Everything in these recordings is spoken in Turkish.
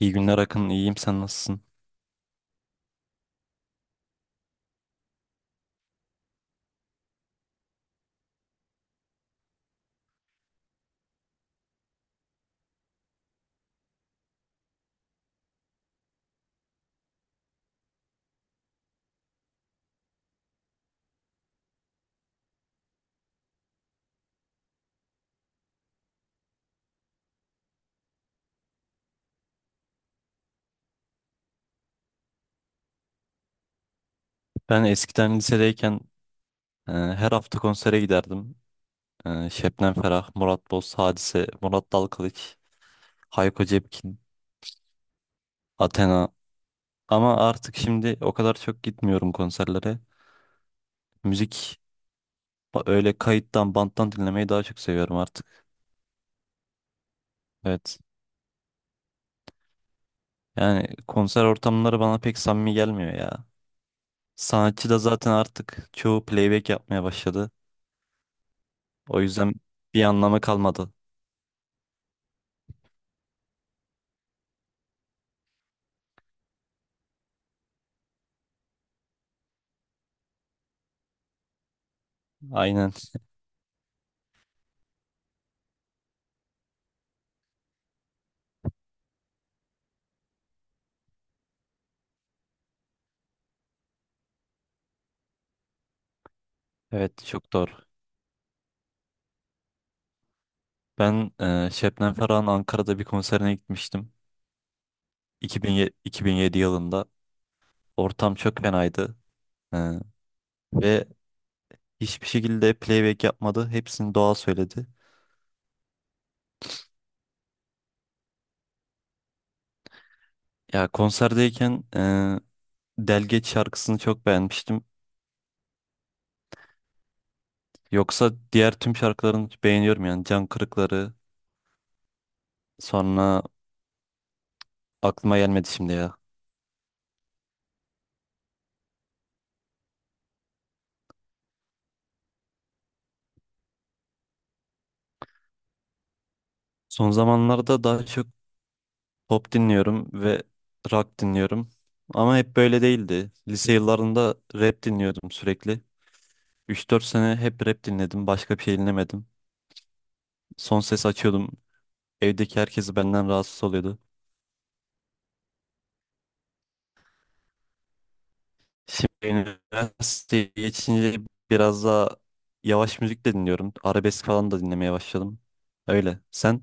İyi günler Akın, iyiyim sen nasılsın? Ben eskiden lisedeyken her hafta konsere giderdim. Şebnem Ferah, Murat Boz, Hadise, Murat Dalkılıç, Hayko Cepkin, Athena. Ama artık şimdi o kadar çok gitmiyorum konserlere. Müzik öyle kayıttan, banttan dinlemeyi daha çok seviyorum artık. Evet. Yani konser ortamları bana pek samimi gelmiyor ya. Sanatçı da zaten artık çoğu playback yapmaya başladı. O yüzden bir anlamı kalmadı. Aynen. Evet, çok doğru. Ben Şebnem Ferah'ın Ankara'da bir konserine gitmiştim. 2007, 2007 yılında. Ortam çok fenaydı. E, ve hiçbir şekilde playback yapmadı. Hepsini doğal söyledi. Ya konserdeyken Delgeç şarkısını çok beğenmiştim. Yoksa diğer tüm şarkılarını beğeniyorum yani. Can Kırıkları, sonra aklıma gelmedi şimdi ya. Son zamanlarda daha çok pop dinliyorum ve rock dinliyorum. Ama hep böyle değildi. Lise yıllarında rap dinliyordum sürekli. Üç dört sene hep rap dinledim. Başka bir şey dinlemedim. Son ses açıyordum. Evdeki herkesi benden rahatsız oluyordu. Şimdi üniversiteye geçince biraz daha yavaş müzik de dinliyorum. Arabesk falan da dinlemeye başladım. Öyle. Sen?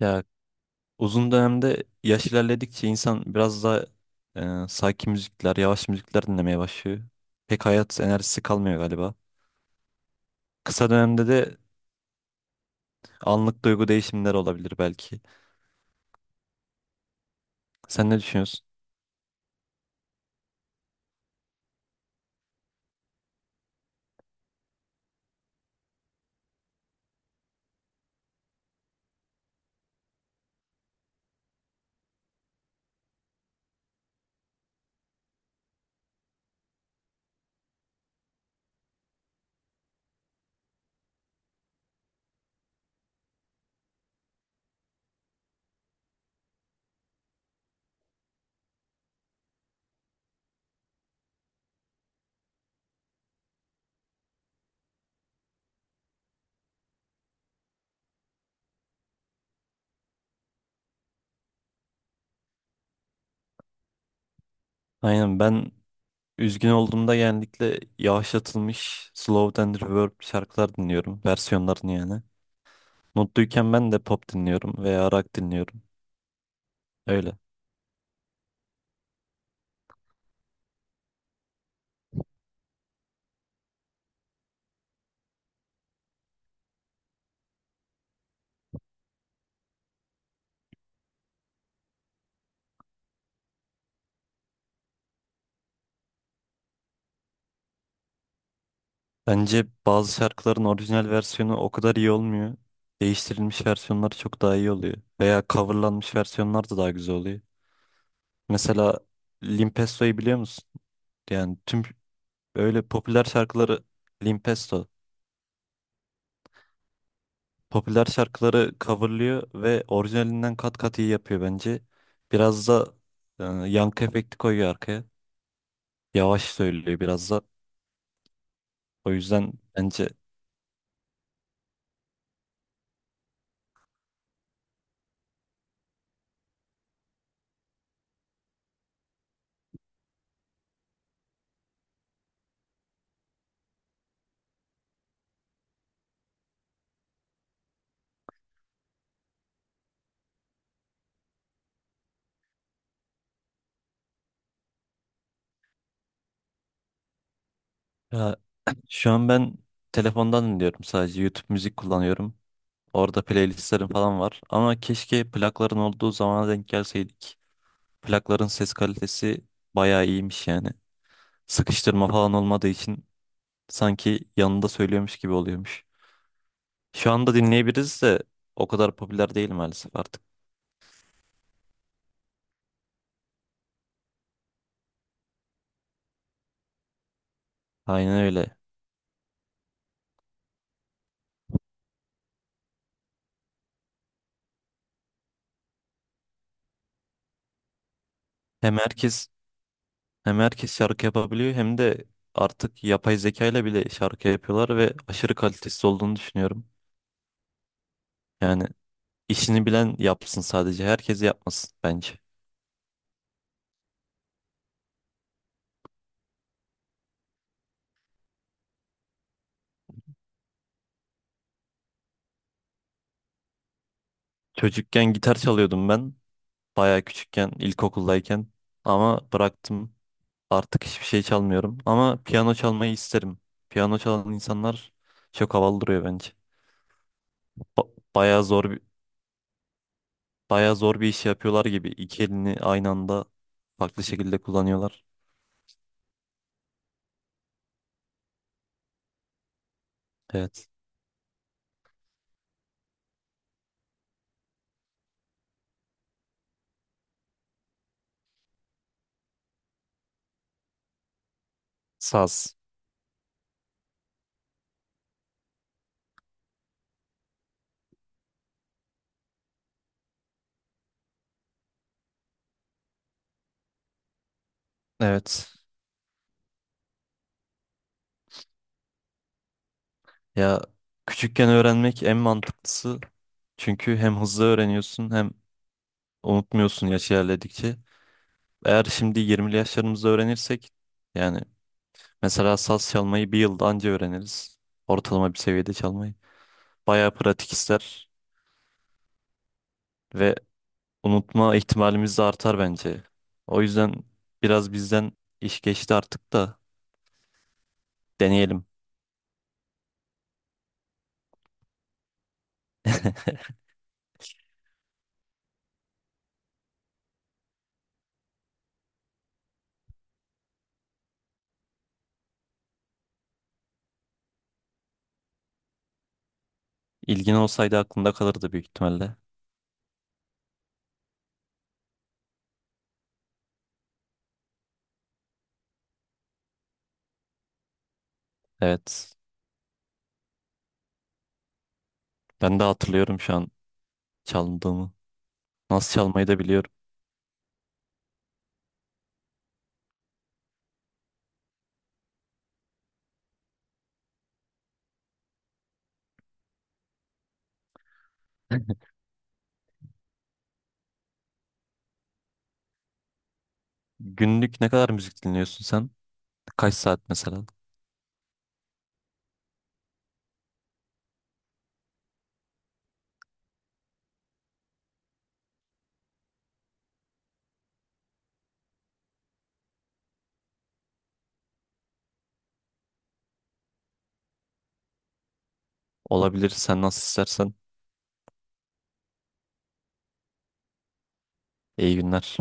Ya uzun dönemde yaş ilerledikçe insan biraz daha sakin müzikler, yavaş müzikler dinlemeye başlıyor. Pek hayat enerjisi kalmıyor galiba. Kısa dönemde de anlık duygu değişimleri olabilir belki. Sen ne düşünüyorsun? Aynen, ben üzgün olduğumda genellikle yavaşlatılmış slow and reverb şarkılar dinliyorum. Versiyonlarını yani. Mutluyken ben de pop dinliyorum veya rock dinliyorum. Öyle. Bence bazı şarkıların orijinal versiyonu o kadar iyi olmuyor. Değiştirilmiş versiyonları çok daha iyi oluyor. Veya coverlanmış versiyonlar da daha güzel oluyor. Mesela Limp Bizkit'yi biliyor musun? Yani tüm öyle popüler şarkıları. Limp Bizkit. Popüler şarkıları coverlıyor ve orijinalinden kat kat iyi yapıyor bence. Biraz da yankı efekti koyuyor arkaya. Yavaş söylüyor biraz da. O yüzden bence ya, şu an ben telefondan dinliyorum sadece. YouTube müzik kullanıyorum. Orada playlistlerim falan var. Ama keşke plakların olduğu zamana denk gelseydik. Plakların ses kalitesi bayağı iyiymiş yani. Sıkıştırma falan olmadığı için sanki yanında söylüyormuş gibi oluyormuş. Şu anda dinleyebiliriz de o kadar popüler değil maalesef artık. Aynen öyle. Hem herkes hem herkes şarkı yapabiliyor hem de artık yapay zeka ile bile şarkı yapıyorlar ve aşırı kalitesiz olduğunu düşünüyorum. Yani işini bilen yapsın sadece. Herkes yapmasın bence. Çocukken gitar çalıyordum ben. Bayağı küçükken, ilkokuldayken. Ama bıraktım. Artık hiçbir şey çalmıyorum. Ama piyano çalmayı isterim. Piyano çalan insanlar çok havalı duruyor bence. Bayağı zor bir bayağı zor bir iş yapıyorlar gibi. İki elini aynı anda farklı şekilde kullanıyorlar. Evet. Saz. Evet. Ya küçükken öğrenmek en mantıklısı. Çünkü hem hızlı öğreniyorsun hem unutmuyorsun yaş ilerledikçe. Eğer şimdi 20'li yaşlarımızda öğrenirsek yani mesela saz çalmayı bir yılda anca öğreniriz. Ortalama bir seviyede çalmayı. Bayağı pratik ister ve unutma ihtimalimiz de artar bence. O yüzden biraz bizden iş geçti artık da deneyelim. İlgin olsaydı aklında kalırdı büyük ihtimalle. Evet. Ben de hatırlıyorum şu an çaldığımı. Nasıl çalmayı da biliyorum. Günlük ne kadar müzik dinliyorsun sen? Kaç saat mesela? Olabilir, sen nasıl istersen. İyi günler.